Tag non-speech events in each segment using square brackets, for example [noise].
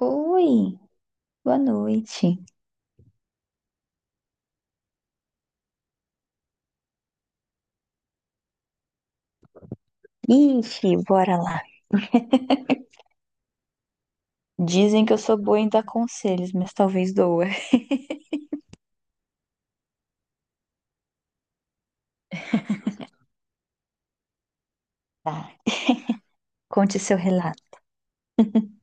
Oi, boa noite. Ixi, bora lá. Dizem que eu sou boa em dar conselhos, mas talvez doa. Tá. Conte seu relato. [laughs]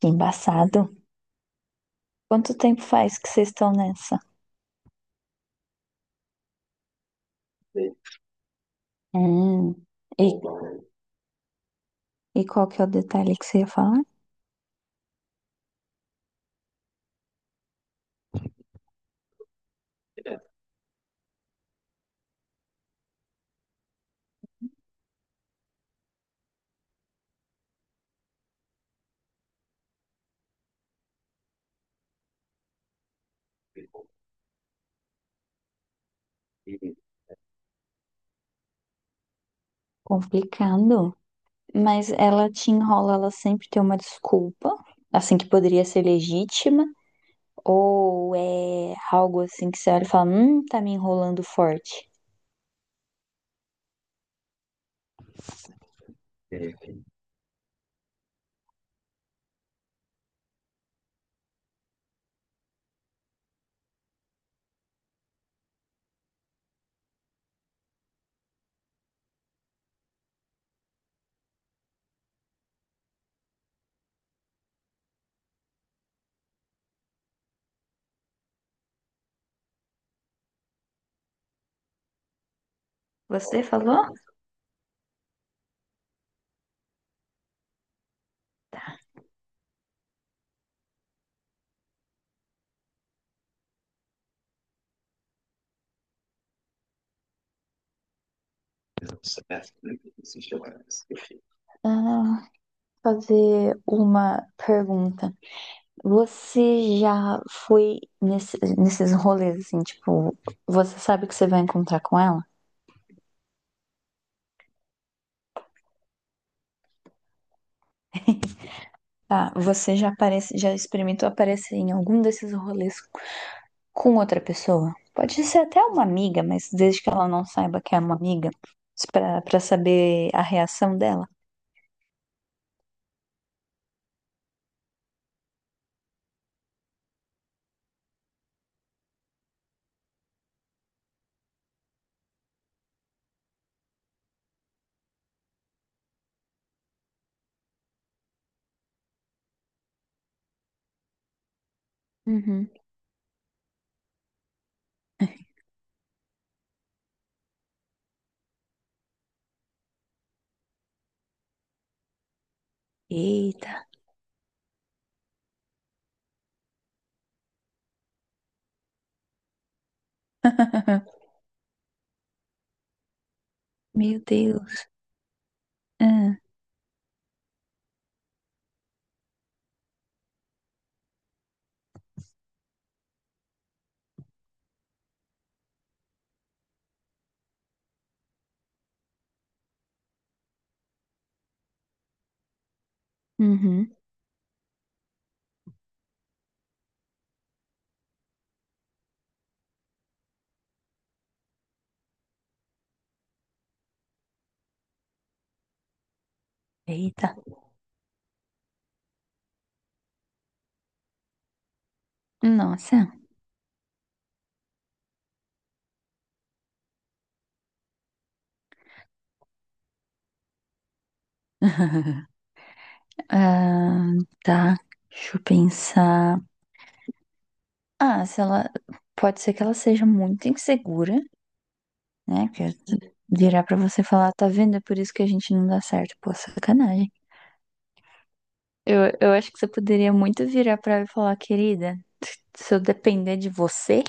Que embaçado. Quanto tempo faz que vocês estão nessa? Hum. E, e qual que é o detalhe que você ia falar? Complicado. Mas ela te enrola, ela sempre tem uma desculpa, assim que poderia ser legítima, ou é algo assim que você olha e fala, tá me enrolando forte. Você falou? Ah, fazer uma pergunta. Você já foi nesses rolês assim, tipo, você sabe que você vai encontrar com ela? Tá, você já aparece, já experimentou aparecer em algum desses rolês com outra pessoa? Pode ser até uma amiga, mas desde que ela não saiba que é uma amiga, pra saber a reação dela. Uhum. Eita. [laughs] Meu Deus. Ah, uhum. Eita. Nossa. [laughs] Ah, tá. Deixa eu pensar. Ah, se ela. Pode ser que ela seja muito insegura, né? Que virar pra você e falar, tá vendo? É por isso que a gente não dá certo. Pô, sacanagem. Eu acho que você poderia muito virar pra ela e falar, querida, se eu depender de você,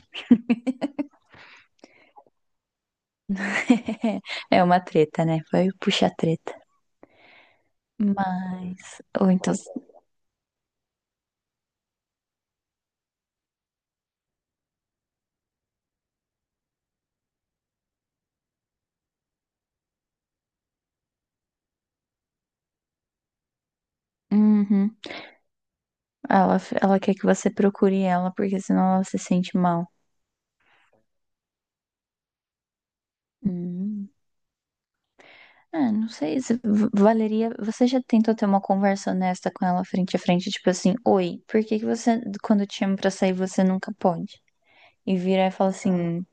[laughs] é uma treta, né? Vai puxar treta. Mas, ou então, uhum, ela quer que você procure ela, porque senão ela se sente mal. Hum. É, não sei se valeria. Você já tentou ter uma conversa honesta com ela frente a frente, tipo assim, oi, por que que você, quando eu te chamo pra sair, você nunca pode? E virar e falar assim,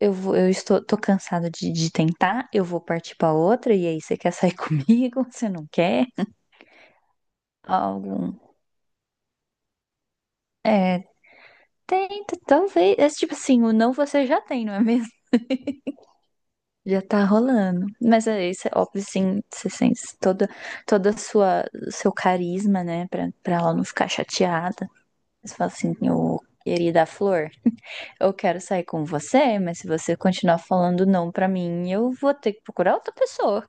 eu estou, tô cansada de tentar, eu vou partir pra outra, e aí você quer sair [laughs] comigo? Você não quer? Algum. É, tenta, talvez. É tipo assim, o não você já tem, não é mesmo? Já tá rolando. Mas aí, cê, óbvio, sim, você sente toda a sua, seu carisma, né? Pra ela não ficar chateada. Você fala assim, ô, querida Flor, eu quero sair com você, mas se você continuar falando não pra mim, eu vou ter que procurar outra pessoa.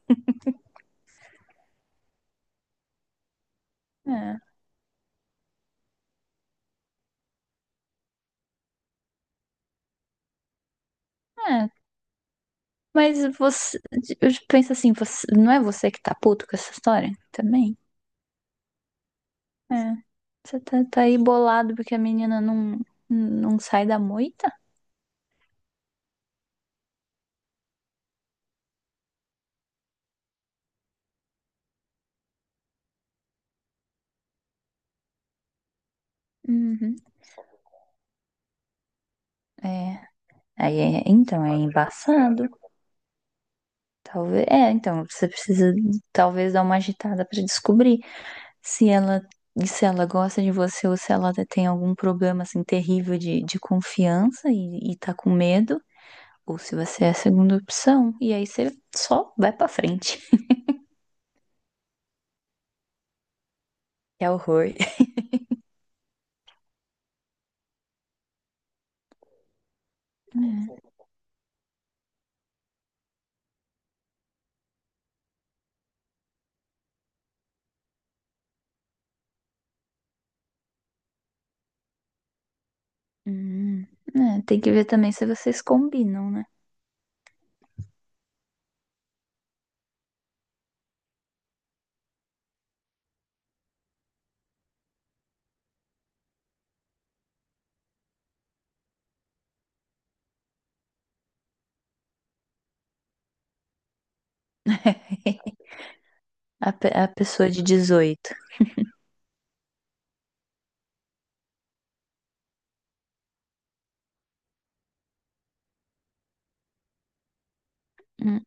É, é. Mas você, eu penso assim, você, não é você que tá puto com essa história? Também? É. Você tá aí bolado porque a menina não sai da moita? Uhum. É. Aí, então, é embaçado. Talvez, é, então, você precisa talvez dar uma agitada pra descobrir se ela se ela gosta de você ou se ela tem algum problema assim terrível de confiança e tá com medo, ou se você é a segunda opção. E aí você só vai pra frente. [laughs] É horror. Hum, É, tem que ver também se vocês combinam, né? [laughs] A pessoa de 18. Hum,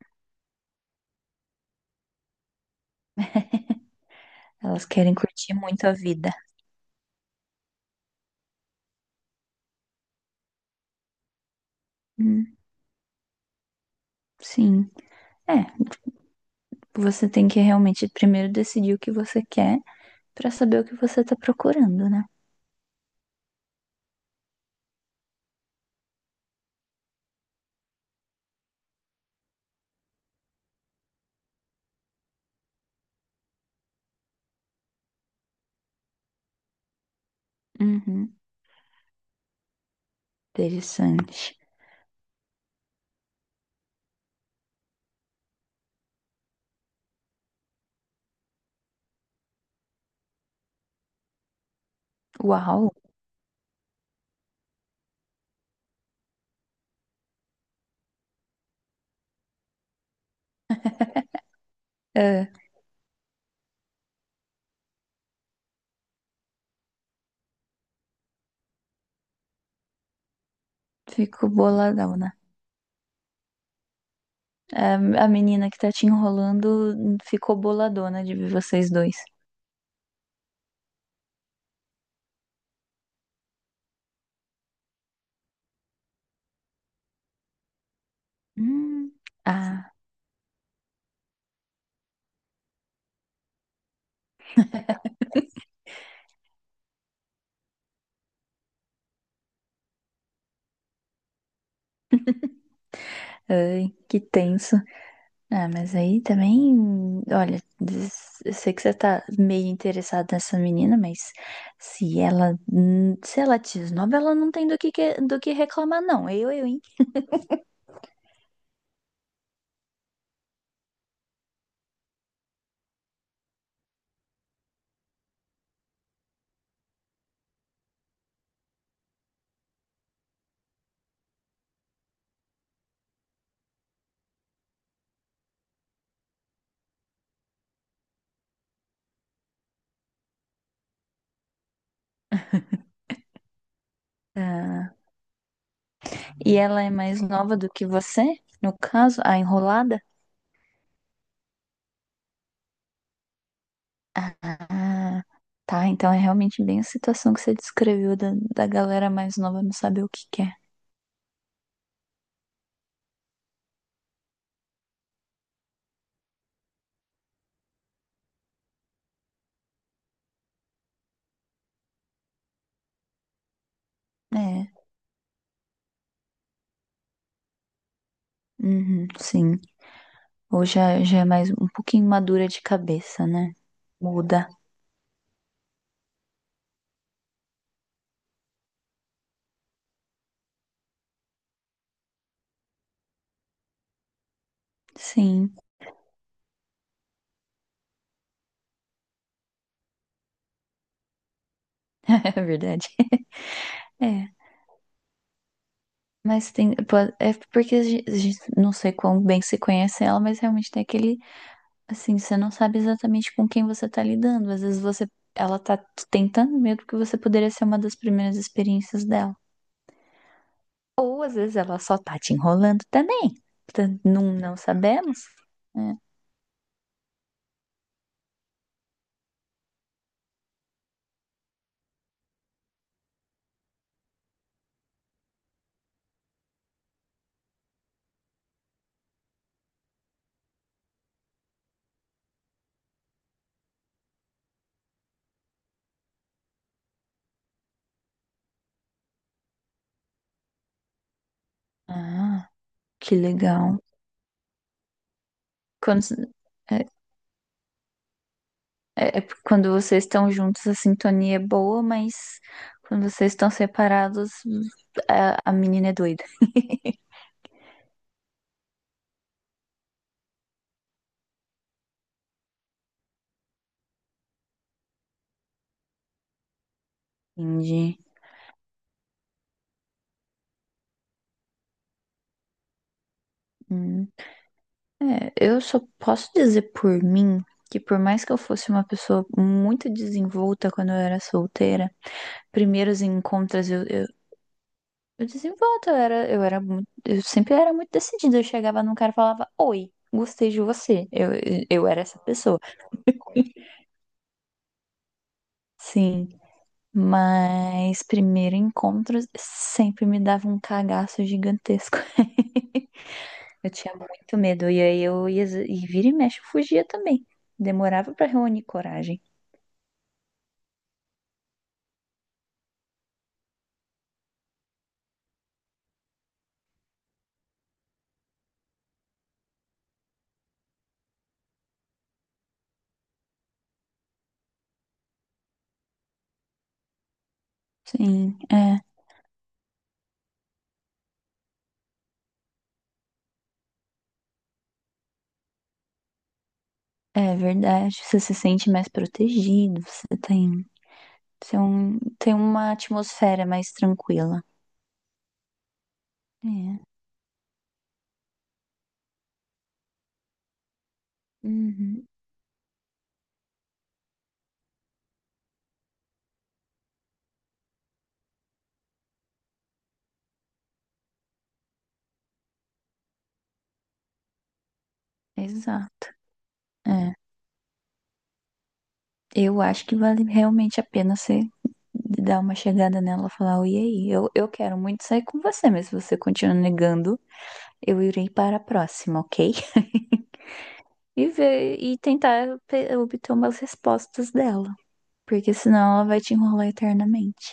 Elas querem curtir muito a vida. Hum, sim. É, você tem que realmente primeiro decidir o que você quer pra saber o que você tá procurando, né? Uhum. Interessante. Uau! É, ficou boladão, né? É, a menina que tá te enrolando ficou boladona de ver vocês dois. Hum. Ah, ai, que tenso. Ah, mas aí também, olha, eu sei que você tá meio interessado nessa menina, mas se ela, se ela te esnoba, ela não tem do que, do que reclamar, não. Hein? Ah, e ela é mais nova do que você, no caso, a enrolada? Ah, tá. Então é realmente bem a situação que você descreveu da galera mais nova não saber o que quer. É, é, uhum, sim. Ou já é mais um pouquinho madura de cabeça, né? Muda. Sim, [laughs] é verdade. É. Mas tem. É porque a gente não sei quão bem se conhece ela, mas realmente tem aquele. Assim, você não sabe exatamente com quem você tá lidando. Às vezes você, ela tá tentando medo que você poderia ser uma das primeiras experiências dela. Ou às vezes ela só tá te enrolando também. Portanto, não, não sabemos, né? Ah, que legal. Quando, é, É porque quando vocês estão juntos, a sintonia é boa, mas quando vocês estão separados, a menina é doida. [laughs] Entendi. Hum. É, eu só posso dizer por mim que por mais que eu fosse uma pessoa muito desenvolta quando eu era solteira, primeiros encontros eu sempre era muito decidida. Eu chegava num cara e falava, oi, gostei de você. Eu era essa pessoa. Sim, mas primeiro encontro sempre me dava um cagaço gigantesco. [laughs] Eu tinha muito medo, e aí eu ia, e vira e mexe, eu fugia também. Demorava pra reunir coragem. Sim, é. É verdade, você se sente mais protegido, você tem uma atmosfera mais tranquila. É, uhum, exato. É, eu acho que vale realmente a pena você dar uma chegada nela e falar, oi, e aí, eu quero muito sair com você, mas se você continuar negando, eu irei para a próxima, ok? [laughs] E ver, e tentar obter umas respostas dela, porque senão ela vai te enrolar eternamente.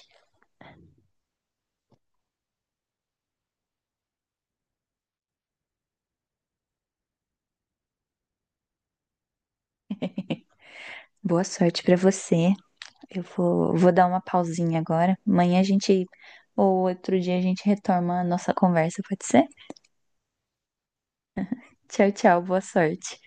Boa sorte pra você. Eu vou dar uma pausinha agora. Amanhã a gente, ou outro dia a gente retoma a nossa conversa, pode ser? Tchau, tchau, boa sorte.